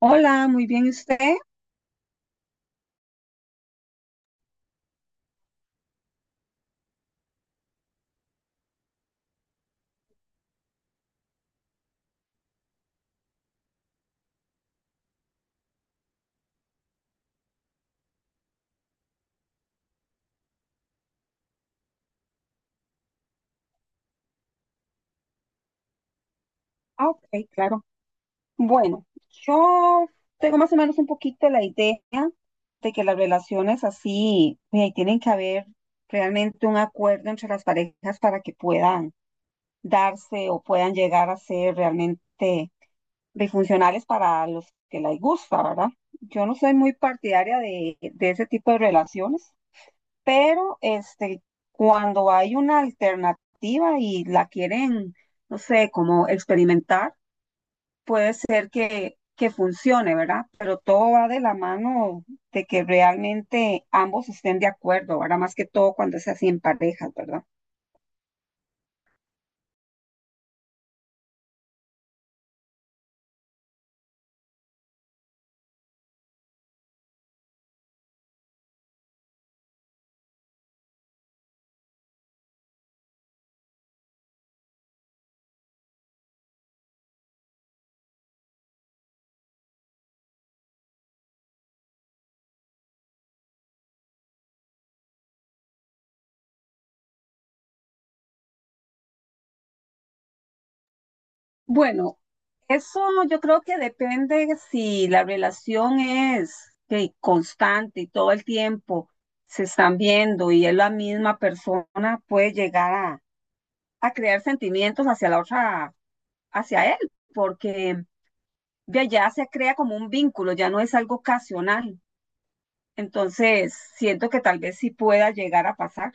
Hola, muy bien, ¿y usted? Ah, ok, claro. Bueno, yo tengo más o menos un poquito la idea de que las relaciones así, tienen que haber realmente un acuerdo entre las parejas para que puedan darse o puedan llegar a ser realmente disfuncionales para los que les gusta, ¿verdad? Yo no soy muy partidaria de ese tipo de relaciones. Pero cuando hay una alternativa y la quieren, no sé, como experimentar, puede ser que funcione, ¿verdad? Pero todo va de la mano de que realmente ambos estén de acuerdo, ¿verdad? Más que todo cuando es así en parejas, ¿verdad? Bueno, eso yo creo que depende si la relación es que constante y todo el tiempo se están viendo y es la misma persona, puede llegar a crear sentimientos hacia la otra, hacia él, porque de allá se crea como un vínculo, ya no es algo ocasional. Entonces, siento que tal vez sí pueda llegar a pasar.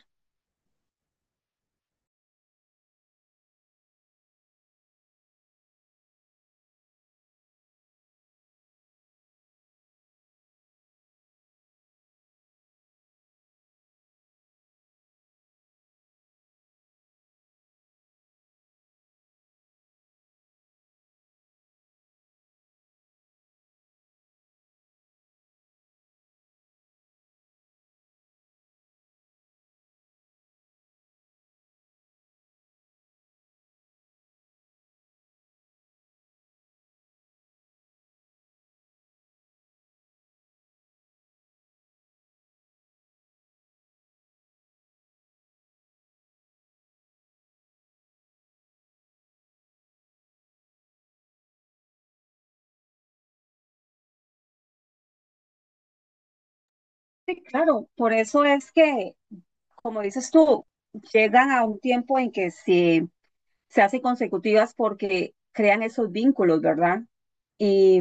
Sí, claro, por eso es que, como dices tú, llegan a un tiempo en que se hacen consecutivas porque crean esos vínculos, ¿verdad? Y,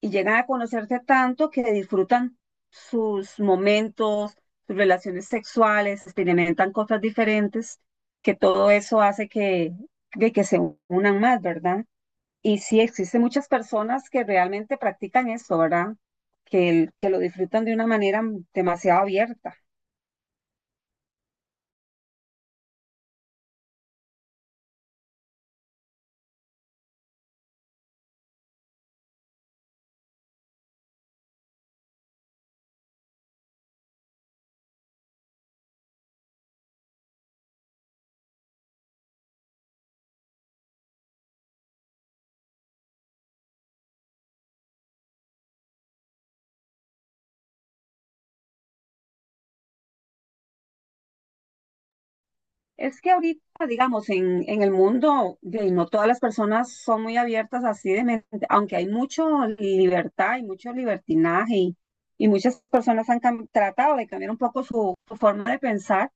y llegan a conocerse tanto que disfrutan sus momentos, sus relaciones sexuales, experimentan cosas diferentes, que todo eso hace que, de que se unan más, ¿verdad? Y sí, existen muchas personas que realmente practican eso, ¿verdad? Que, que lo disfrutan de una manera demasiado abierta. Es que ahorita, digamos, en el mundo, no todas las personas son muy abiertas así de mente, aunque hay mucha libertad y mucho libertinaje y muchas personas tratado de cambiar un poco su forma de pensar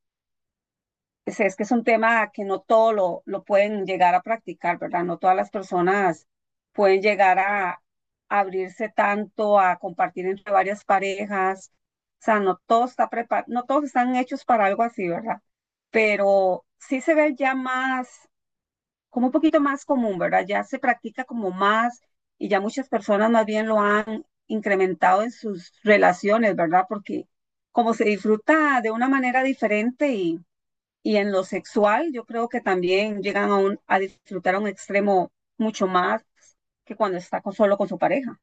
es, Es que es un tema que no todo lo pueden llegar a practicar, ¿verdad? No todas las personas pueden llegar a abrirse tanto, a compartir entre varias parejas. O sea, no todos, está prepar no todos están hechos para algo así, ¿verdad? Pero sí se ve ya más, como un poquito más común, ¿verdad? Ya se practica como más y ya muchas personas más bien lo han incrementado en sus relaciones, ¿verdad? Porque como se disfruta de una manera diferente y en lo sexual, yo creo que también llegan a disfrutar a un extremo mucho más que cuando solo con su pareja.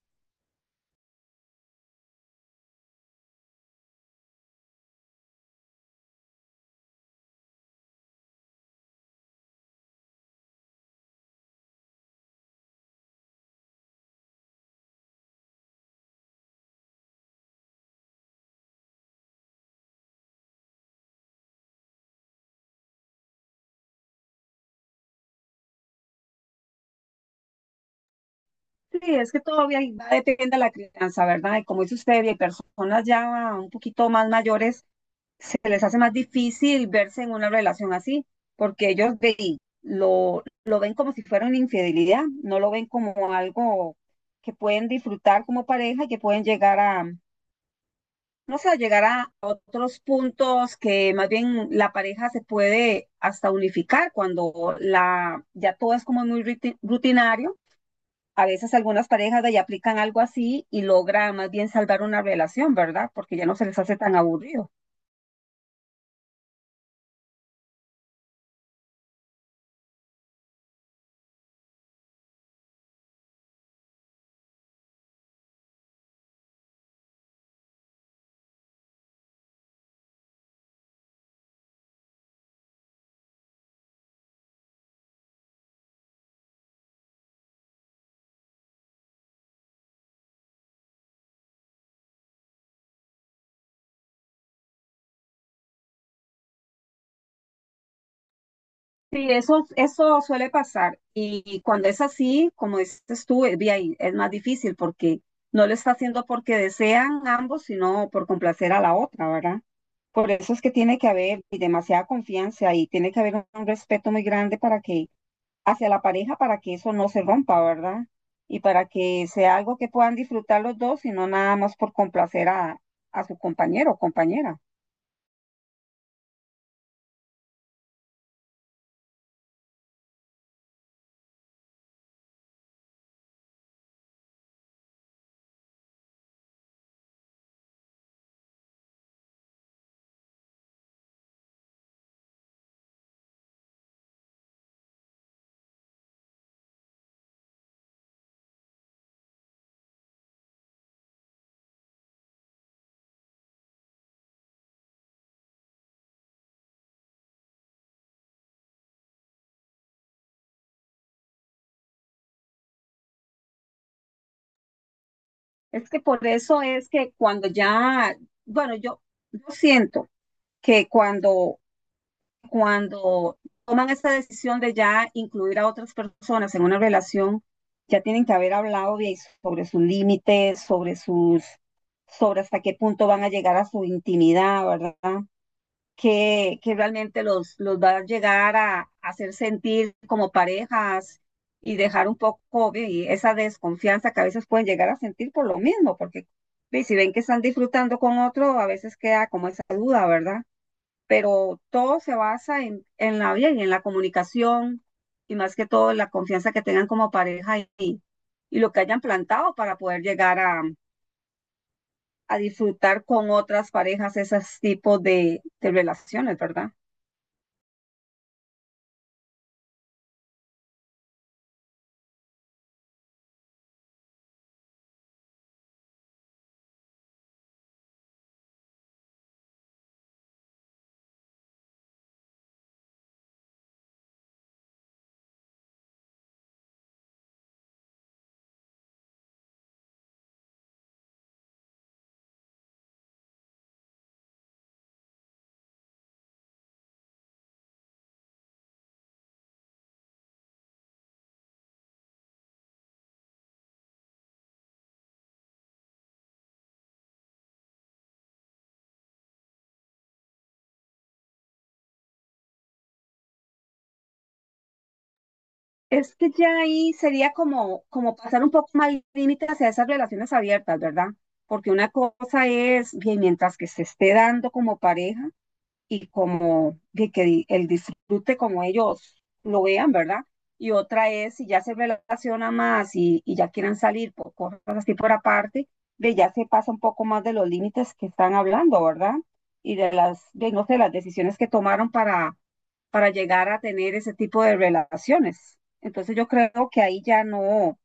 Sí, es que todavía ahí va, depende de la crianza, ¿verdad? Y como dice usted, hay personas ya un poquito más mayores, se les hace más difícil verse en una relación así, porque lo ven como si fuera una infidelidad, no lo ven como algo que pueden disfrutar como pareja y que pueden llegar a, vamos a llegar a otros puntos que más bien la pareja se puede hasta unificar cuando ya todo es como muy rutinario. A veces algunas parejas de ahí aplican algo así y logra más bien salvar una relación, ¿verdad? Porque ya no se les hace tan aburrido. Sí, eso suele pasar. Y cuando es así, como dices tú, ahí es más difícil porque no lo está haciendo porque desean ambos, sino por complacer a la otra, ¿verdad? Por eso es que tiene que haber y demasiada confianza y tiene que haber un respeto muy grande para que hacia la pareja para que eso no se rompa, ¿verdad? Y para que sea algo que puedan disfrutar los dos y no nada más por complacer a su compañero o compañera. Es que por eso es que cuando ya, bueno, yo siento que cuando toman esta decisión de ya incluir a otras personas en una relación, ya tienen que haber hablado bien sobre sus límites, sobre hasta qué punto van a llegar a su intimidad, ¿verdad? Que realmente los va a llegar a hacer sentir como parejas y dejar un poco y esa desconfianza que a veces pueden llegar a sentir por lo mismo, porque y si ven que están disfrutando con otro, a veces queda como esa duda, ¿verdad? Pero todo se basa en la vida y en la comunicación y más que todo la confianza que tengan como pareja y lo que hayan plantado para poder llegar a disfrutar con otras parejas esos tipos de relaciones, ¿verdad? Es que ya ahí sería como, como pasar un poco más límites hacia esas relaciones abiertas, ¿verdad? Porque una cosa es, bien, mientras que se esté dando como pareja, y como de que el disfrute como ellos lo vean, ¿verdad? Y otra es si ya se relaciona más y ya quieren salir por cosas así por aparte, de ya se pasa un poco más de los límites que están hablando, ¿verdad? Y de las, de, no sé, las decisiones que tomaron para llegar a tener ese tipo de relaciones. Entonces yo creo que ahí ya no,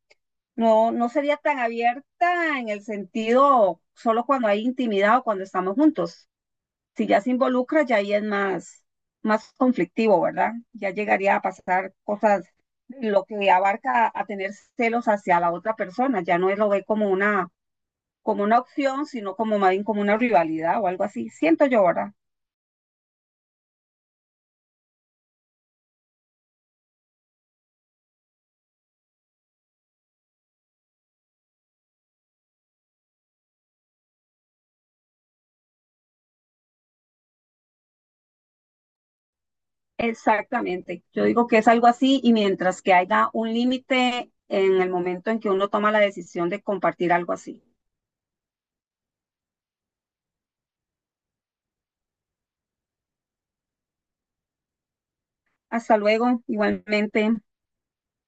no, no sería tan abierta en el sentido solo cuando hay intimidad o cuando estamos juntos si ya se involucra, ya ahí es más, más conflictivo, ¿verdad? Ya llegaría a pasar cosas, lo que abarca a tener celos hacia la otra persona, ya no lo ve como una opción, sino como más bien como una rivalidad o algo así. Siento yo, ¿verdad? Exactamente. Yo digo que es algo así y mientras que haya un límite en el momento en que uno toma la decisión de compartir algo así. Hasta luego, igualmente.